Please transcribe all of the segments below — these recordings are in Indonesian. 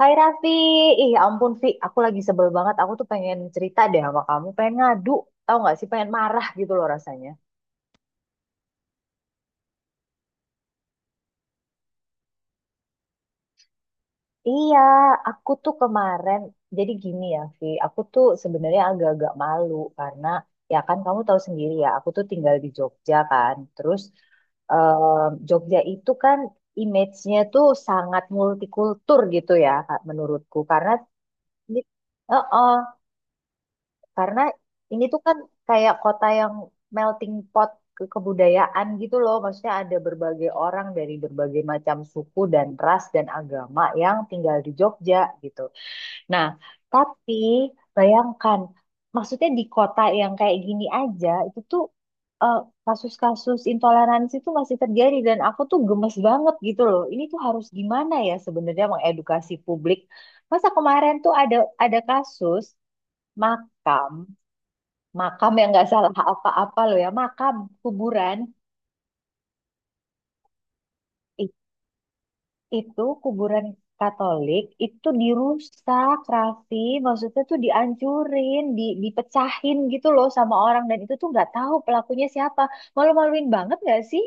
Hai Raffi, ih ampun Vi, aku lagi sebel banget. Aku tuh pengen cerita deh sama kamu, pengen ngadu, tau nggak sih? Pengen marah gitu loh rasanya. Iya, aku tuh kemarin jadi gini ya, Vi. Aku tuh sebenarnya agak-agak malu karena ya kan kamu tahu sendiri ya, aku tuh tinggal di Jogja kan. Terus Jogja itu kan image-nya tuh sangat multikultur gitu ya, Kak, menurutku. Karena ini, heeh, karena ini tuh kan kayak kota yang melting pot ke kebudayaan gitu loh. Maksudnya ada berbagai orang dari berbagai macam suku dan ras dan agama yang tinggal di Jogja gitu. Nah, tapi bayangkan, maksudnya di kota yang kayak gini aja itu tuh eh, kasus-kasus intoleransi tuh masih terjadi dan aku tuh gemes banget gitu loh. Ini tuh harus gimana ya sebenarnya mengedukasi publik. Masa kemarin tuh ada kasus makam makam yang nggak salah apa-apa loh ya. Makam, kuburan, i- itu kuburan Katolik itu dirusak, Raffi. Maksudnya tuh dihancurin, dipecahin gitu loh sama orang. Dan itu tuh nggak tahu pelakunya siapa. Malu-maluin banget nggak sih?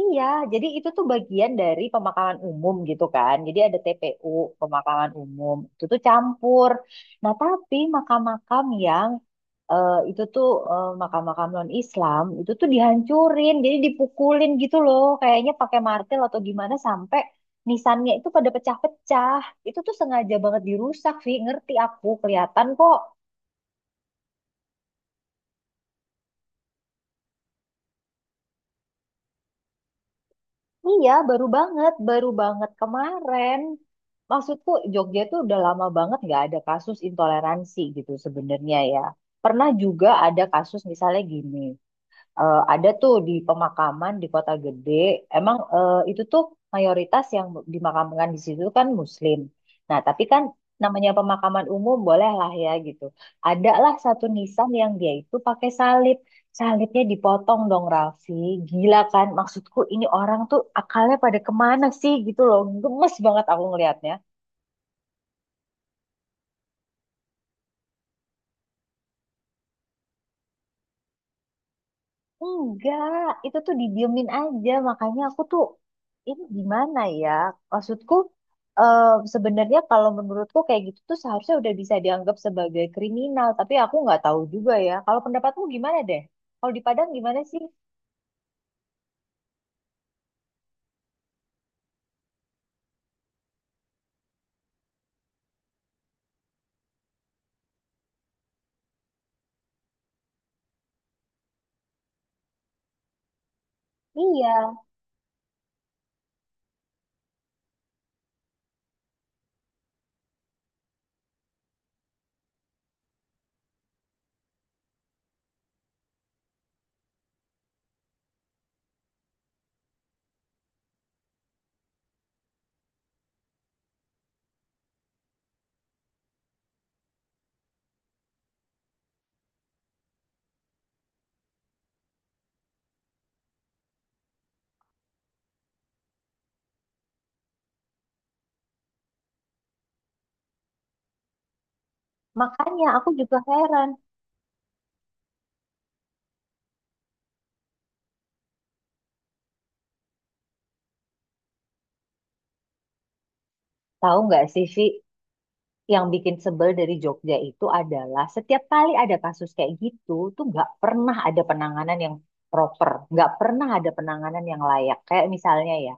Iya, jadi itu tuh bagian dari pemakaman umum gitu kan. Jadi ada TPU, pemakaman umum. Itu tuh campur. Nah, tapi eh, itu tuh makam-makam non-Islam, itu tuh dihancurin. Jadi dipukulin gitu loh. Kayaknya pakai martil atau gimana sampai nisannya itu pada pecah-pecah. Itu tuh sengaja banget dirusak, Vi. Ngerti aku, kelihatan kok. Iya, baru banget kemarin. Maksudku Jogja tuh udah lama banget nggak ada kasus intoleransi gitu sebenarnya ya. Pernah juga ada kasus misalnya gini. Eh, ada tuh di pemakaman di kota gede. Emang itu tuh mayoritas yang dimakamkan di situ kan Muslim. Nah, tapi kan namanya pemakaman umum boleh lah ya gitu. Ada lah satu nisan yang dia itu pakai salib. Salibnya dipotong dong Raffi. Gila kan? Maksudku ini orang tuh akalnya pada kemana sih gitu loh. Gemes banget aku ngelihatnya. Enggak, itu tuh didiemin aja. Makanya aku tuh ini gimana ya? Maksudku eh, sebenarnya kalau menurutku kayak gitu tuh seharusnya udah bisa dianggap sebagai kriminal. Tapi aku nggak tahu juga ya. Kalau pendapatmu gimana deh? Kalau di Padang gimana sih? Iya, makanya aku juga heran. Tahu nggak sih, Vi, yang bikin sebel dari Jogja itu adalah setiap kali ada kasus kayak gitu tuh nggak pernah ada penanganan yang proper, nggak pernah ada penanganan yang layak. Kayak misalnya ya.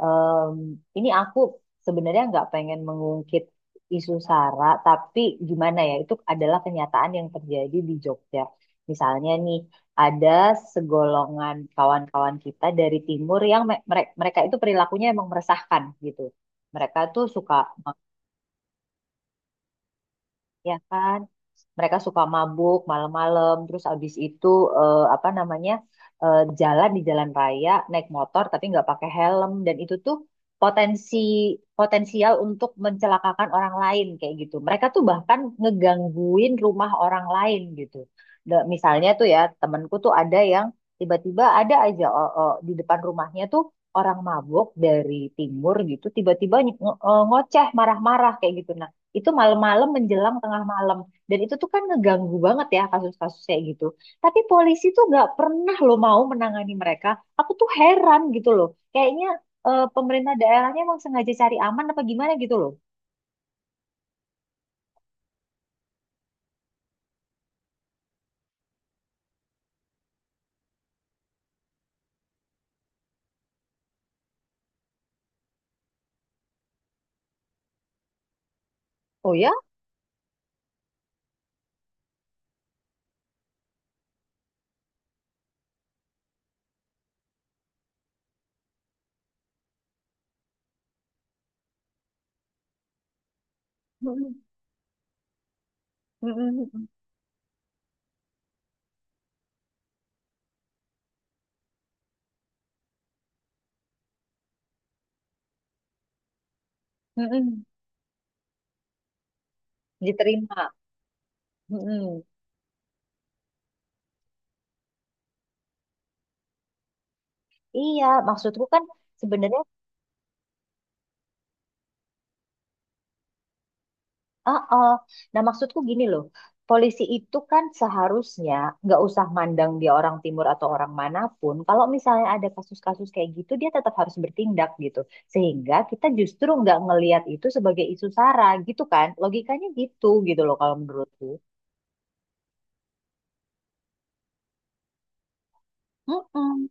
Em, ini aku sebenarnya nggak pengen mengungkit isu SARA, tapi gimana ya, itu adalah kenyataan yang terjadi di Jogja. Misalnya nih, ada segolongan kawan-kawan kita dari timur yang mereka itu perilakunya emang meresahkan gitu. Mereka tuh suka ya kan? Mereka suka mabuk malam-malam, terus abis itu eh, apa namanya jalan di jalan raya naik motor tapi nggak pakai helm dan itu tuh potensi potensial untuk mencelakakan orang lain kayak gitu. Mereka tuh bahkan ngegangguin rumah orang lain gitu. Misalnya tuh ya temanku tuh ada yang tiba-tiba ada aja di depan rumahnya tuh orang mabuk dari timur gitu tiba-tiba ngoceh marah-marah kayak gitu itu malam-malam menjelang tengah malam. Dan itu tuh kan ngeganggu banget ya kasus kasusnya gitu, tapi polisi tuh nggak pernah lo mau menangani mereka. Aku tuh heran gitu loh. Kayaknya pemerintah daerahnya emang sengaja cari aman apa gimana gitu loh. Oh ya. Mm-mm. Mm-mm. Mm-mm. Diterima. Mm-mm. Iya maksudku kan sebenarnya ah, ah. Nah, maksudku gini loh, polisi itu kan seharusnya nggak usah mandang dia orang timur atau orang manapun. Kalau misalnya ada kasus-kasus kayak gitu, dia tetap harus bertindak gitu. Sehingga kita justru nggak ngelihat itu sebagai isu sara gitu kan. Logikanya gitu gitu loh kalau menurutku. Mm-mm.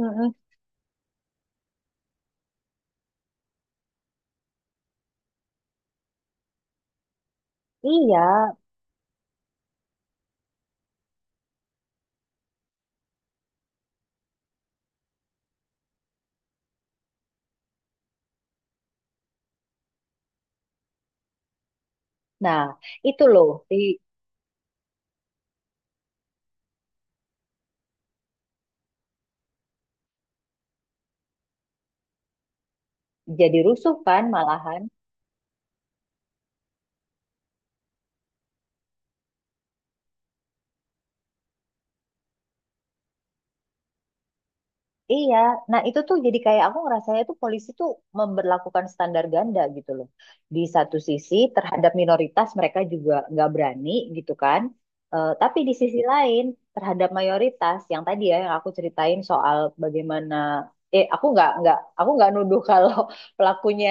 Mm-mm. Iya. Nah, itu loh. Jadi rusuh kan malahan. Iya, nah itu tuh jadi kayak aku ngerasanya tuh polisi tuh memberlakukan standar ganda gitu loh. Di satu sisi terhadap minoritas mereka juga nggak berani gitu kan. Eh, tapi di sisi lain terhadap mayoritas yang tadi ya yang aku ceritain soal bagaimana, eh, aku nggak nuduh kalau pelakunya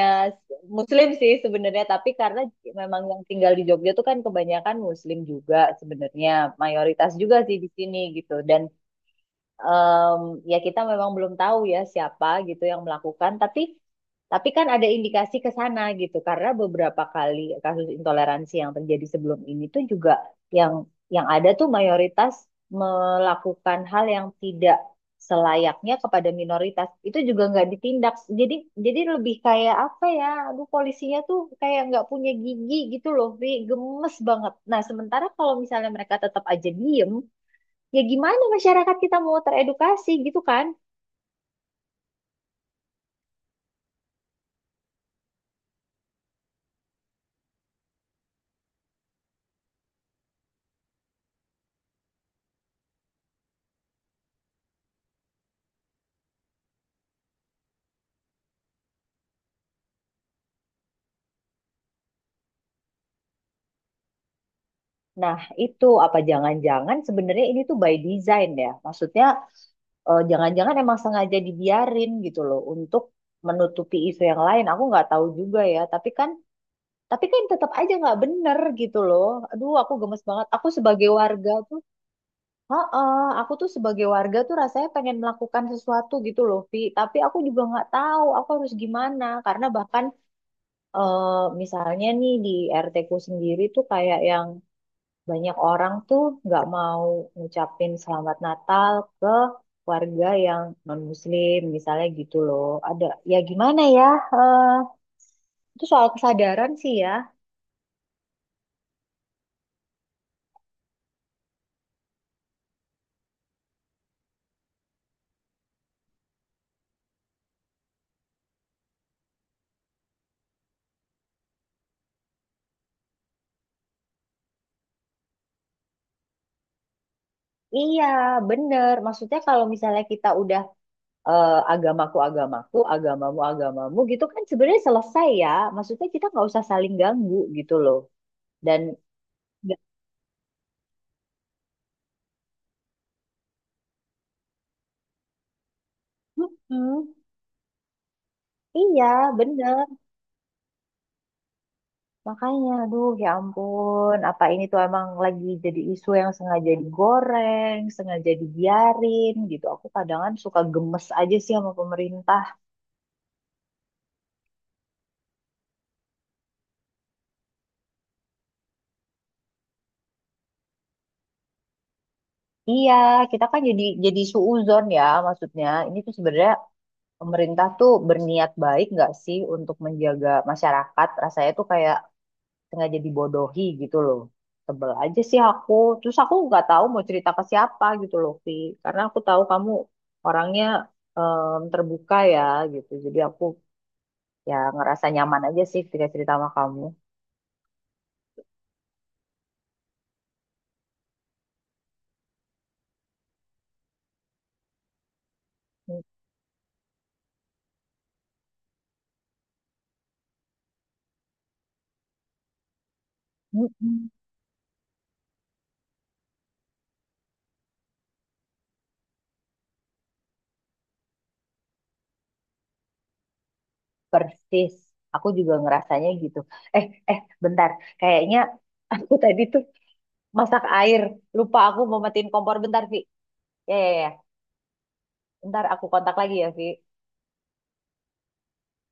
Muslim sih sebenarnya, tapi karena memang yang tinggal di Jogja tuh kan kebanyakan Muslim juga sebenarnya, mayoritas juga sih di sini gitu dan em, ya kita memang belum tahu ya siapa gitu yang melakukan, tapi kan ada indikasi ke sana gitu karena beberapa kali kasus intoleransi yang terjadi sebelum ini tuh juga yang yang ada tuh mayoritas melakukan hal yang tidak selayaknya kepada minoritas itu juga nggak ditindak. Jadi jadi lebih kayak apa ya, aduh polisinya tuh kayak nggak punya gigi gitu loh Vi, gemes banget. Nah sementara kalau misalnya mereka tetap aja diem, ya gimana masyarakat kita mau teredukasi gitu kan? Nah, itu apa jangan-jangan sebenarnya ini tuh by design ya. Maksudnya jangan-jangan emang sengaja dibiarin gitu loh untuk menutupi isu yang lain. Aku nggak tahu juga ya, tapi kan tetap aja nggak bener gitu loh. Aduh, aku gemes banget. Aku sebagai warga tuh, heeh, aku tuh sebagai warga tuh rasanya pengen melakukan sesuatu gitu loh, Vi. Tapi aku juga nggak tahu aku harus gimana karena bahkan misalnya nih di RT ku sendiri tuh kayak yang banyak orang tuh nggak mau ngucapin selamat Natal ke warga yang non-Muslim misalnya gitu loh. Ada ya gimana ya? eh, itu soal kesadaran sih ya. Iya, bener. Maksudnya kalau misalnya kita udah agamaku agamaku, agamamu agamamu gitu kan sebenarnya selesai ya. Maksudnya kita nggak usah saling ganggu gitu loh. Dan nggak- Mm-mm. Iya, bener. Makanya, aduh ya ampun, apa ini tuh emang lagi jadi isu yang sengaja digoreng, sengaja dibiarin gitu. Aku kadang suka gemes aja sih sama pemerintah. Iya, kita kan jadi suuzon ya maksudnya. Ini tuh sebenarnya pemerintah tuh berniat baik nggak sih untuk menjaga masyarakat? Rasanya tuh kayak sengaja dibodohi gitu loh. Sebel aja sih aku. Terus aku nggak tahu mau cerita ke siapa gitu loh Vi, karena aku tahu kamu orangnya terbuka ya gitu, jadi aku ya ngerasa nyaman aja sih ketika cerita sama kamu. Mm-mm. Persis, aku juga ngerasanya gitu. eh eh Bentar, kayaknya aku tadi tuh masak air, lupa aku mau matiin kompor bentar Vi. Ya ya ya, bentar aku kontak lagi ya Vi.